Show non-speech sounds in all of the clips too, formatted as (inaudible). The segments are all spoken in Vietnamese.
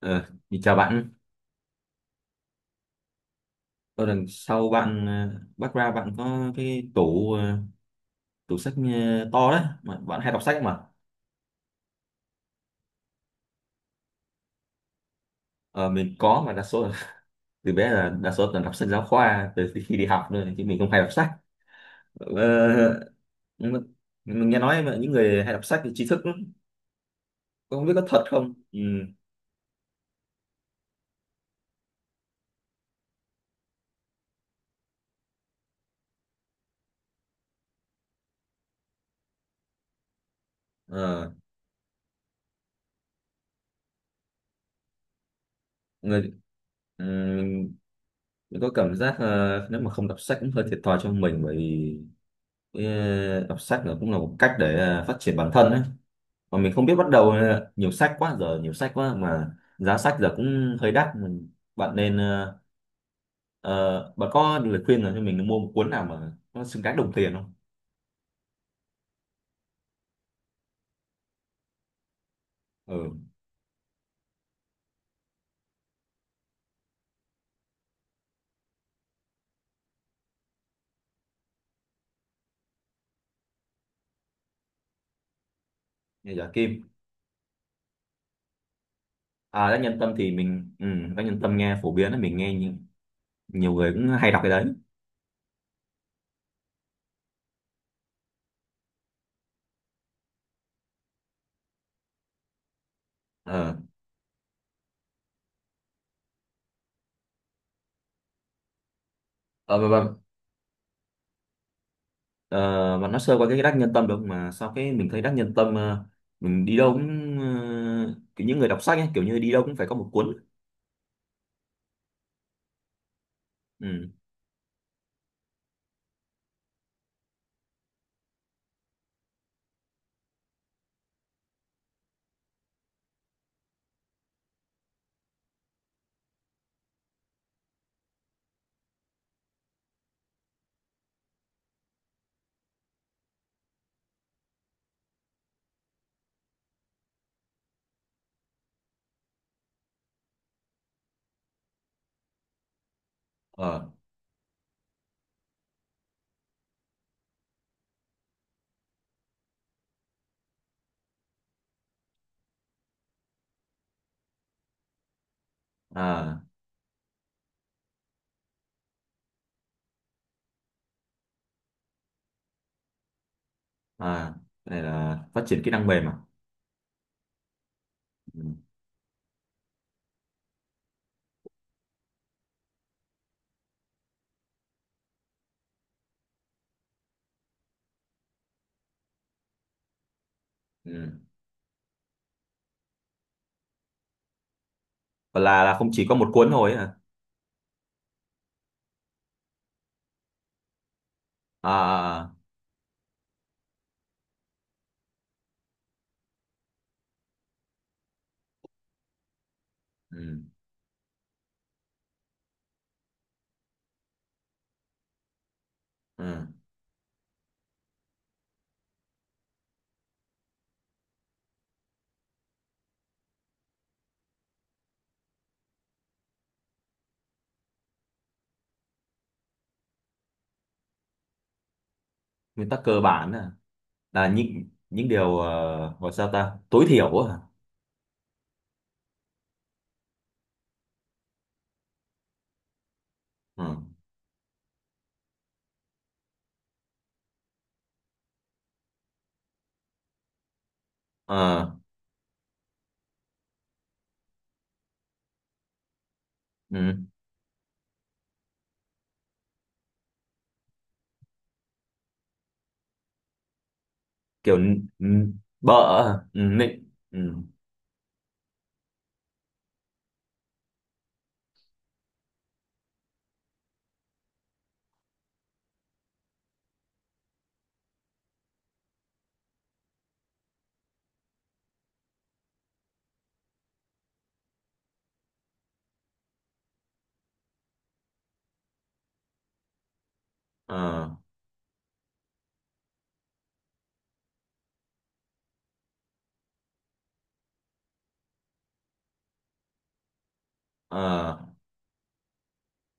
Ờ, thì chào bạn. Tôi đằng sau bạn, background bạn có cái tủ, tủ sách to đấy mà bạn hay đọc sách mà. Ờ, mình có, mà đa số là (laughs) từ bé là đa số là đọc sách giáo khoa từ khi đi học thôi, chứ mình không hay đọc sách. Ờ, nhưng mà- mình nghe nói mà những người hay đọc sách thì tri thức lắm. Không biết có thật không? Ừ. Ờ, người ừ, mình có cảm giác nếu mà không đọc sách cũng hơi thiệt thòi cho mình, bởi vì đọc sách là cũng là một cách để phát triển bản thân ấy. Mà mình không biết bắt đầu. Ờ, Nhiều sách quá, giờ nhiều sách quá, mà giá sách giờ cũng hơi đắt. Bạn nên ờ, ờ, Bạn có lời khuyên nào cho mình mua một cuốn nào mà nó xứng đáng đồng tiền không? Ừ, nghe giá kim. À, Đắc Nhân Tâm thì mình Đắc Nhân Tâm nghe phổ biến là mình nghe nhiều, nhiều người cũng hay đọc cái đấy. Ờ ờ và và ờ, bạn nói sơ qua cái Đắc Nhân Tâm được mà sao cái mình thấy Đắc Nhân Tâm, mình đi đâu cũng kiểu những người đọc sách ấy, kiểu như đi đâu cũng phải có một cuốn. Ừ. Ờ. À, à, cái này là phát triển kỹ năng mềm à? Ừ. Ừ. Và là không chỉ có một cuốn thôi ấy hả? À, à, à. Ừ. Ừ. Nguyên tắc cơ bản à? Là những điều, gọi sao ta tối thiểu à? Ừ. Ờ, ừ. Kiểu bợ. À. Ừ. Nịnh. Ừ. Ờ, ờ.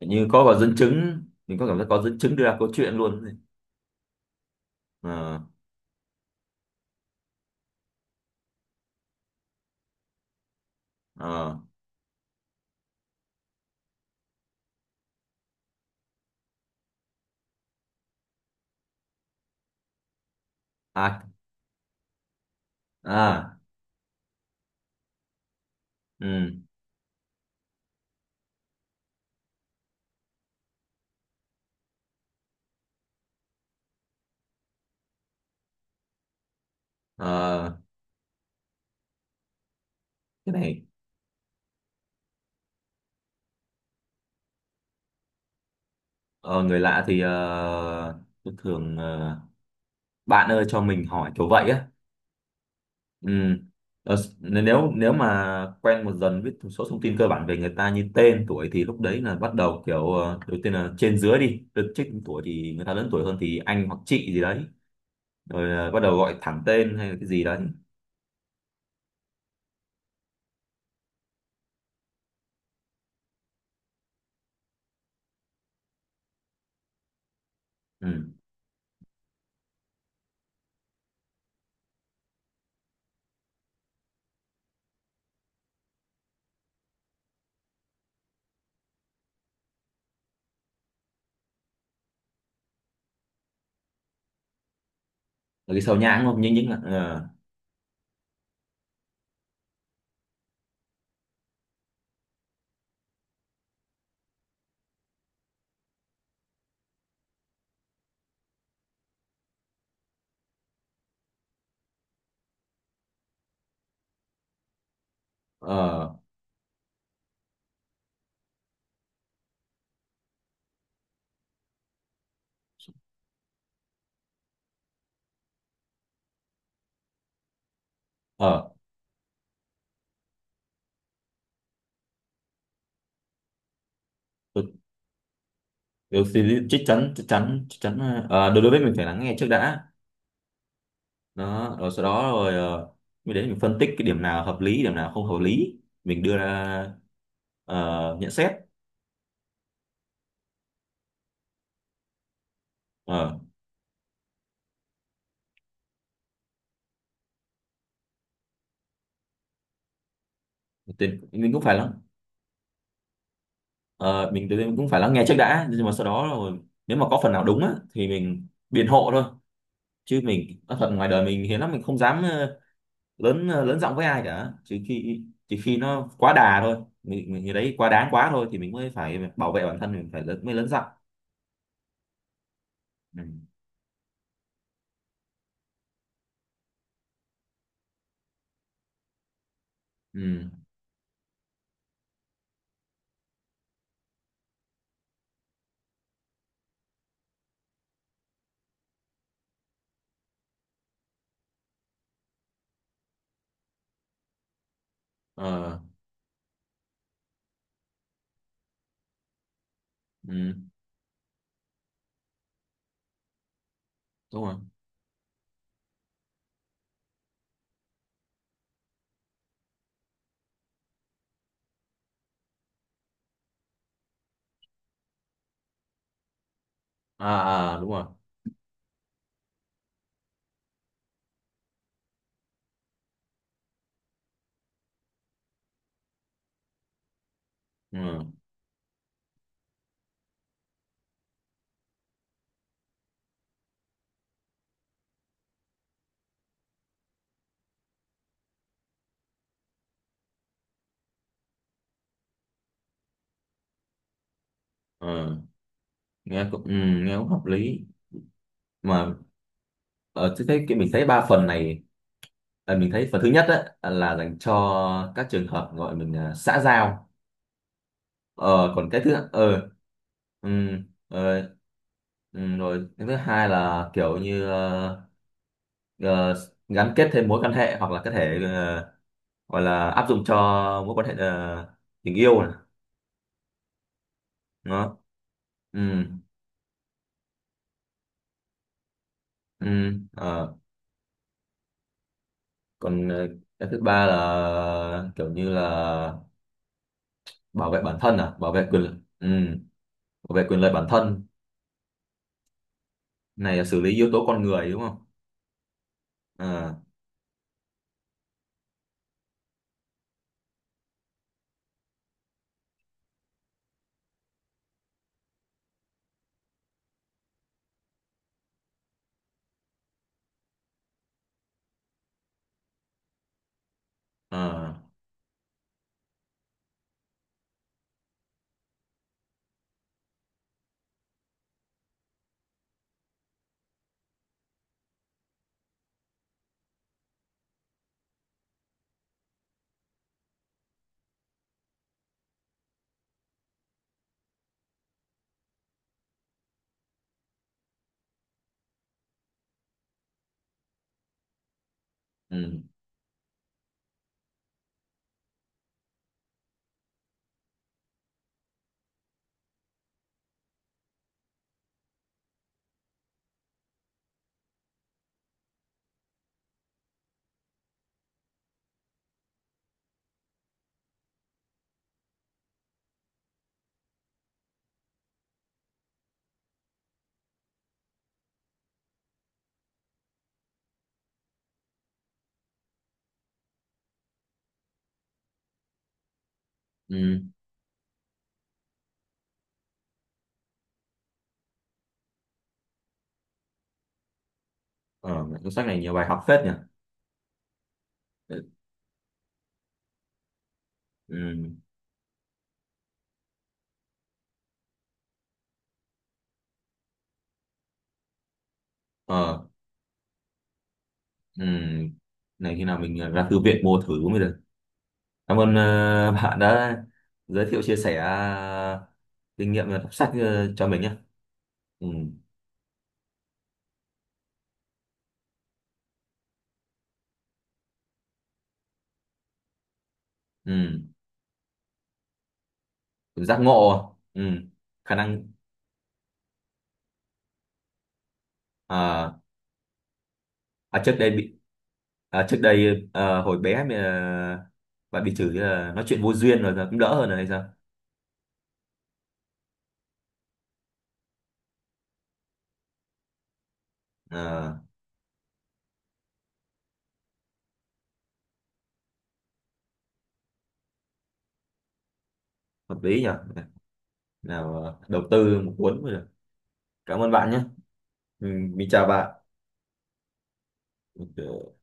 Như có dẫn chứng, mình có cảm giác có dẫn chứng đưa ra câu chuyện luôn. Ờ, ờ. À, à. Ừ. Ờ, cái này... Ờ, Người lạ thì tôi thường bạn ơi, cho mình hỏi kiểu vậy á. Ừ. Ờ, nếu nếu mà quen một dần biết một số thông tin cơ bản về người ta như tên tuổi, thì lúc đấy là bắt đầu kiểu, đầu tiên là trên dưới, đi được trích tuổi thì người ta lớn tuổi hơn thì anh hoặc chị gì đấy. Rồi là bắt đầu gọi thẳng tên hay là cái gì đấy. Ừ. Rồi cái sau nhãng không, nhưng những là... ờ ờ được được thì chắc chắn, đối đối với mình phải lắng nghe trước đã. Đó, rồi sau đó rồi mới đến mình phân tích cái điểm nào hợp lý, điểm nào không hợp lý, mình đưa ra nhận xét. Ờ, thì mình cũng phải lắng mình cũng phải lắng nghe trước đã, nhưng mà sau đó rồi nếu mà có phần nào đúng á, thì mình biện hộ thôi. Chứ mình nói thật, ngoài đời mình hiếm lắm, mình không dám lớn giọng với ai cả, chỉ khi nó quá đà thôi. Mình Người đấy quá đáng quá thôi thì mình mới phải bảo vệ bản thân, mình mới lớn giọng. Ừ. Ừ. Ờ. Ừ. Đúng rồi. À, à, đúng rồi. ờ ờ nghe cũng ừ, Nghe cũng hợp lý. Mà ờ, tôi thấy cái mình thấy ba phần này. À, mình thấy phần thứ nhất á là dành cho các trường hợp gọi mình là xã giao. Ờ Còn cái thứ ừ. Ờ. Ừ. Rồi cái thứ hai là kiểu như ờ, gắn kết thêm mối quan hệ, hoặc là có thể gọi là áp dụng cho mối quan hệ tình yêu này. Nó... Ừ. Ừ. ờ Còn cái thứ ba là kiểu như là bảo vệ bản thân, à, bảo vệ quyền lợi. Ừ. Bảo vệ quyền lợi bản thân. Này là xử lý yếu tố con người đúng không? À, à, ừ, ừ. Ờ, cuốn sách này nhiều bài học phết nhỉ. Ừ. Ờ, ừ. Này khi nào mình ra thư viện mua thử mới được. Cảm ơn bạn đã giới thiệu, chia sẻ kinh nghiệm đọc sách cho mình nhé. Ừ. Ừ. Giác ngộ. Ừ. Khả năng. À, à, trước đây bị... À, trước đây hồi bé mà bạn bị chửi là nói chuyện vô duyên, rồi giờ cũng đỡ hơn rồi hay sao? À, hợp lý nhỉ? Nào, đầu tư một cuốn rồi. Cảm ơn bạn nhé. Ừ, mình chào bạn. Ok.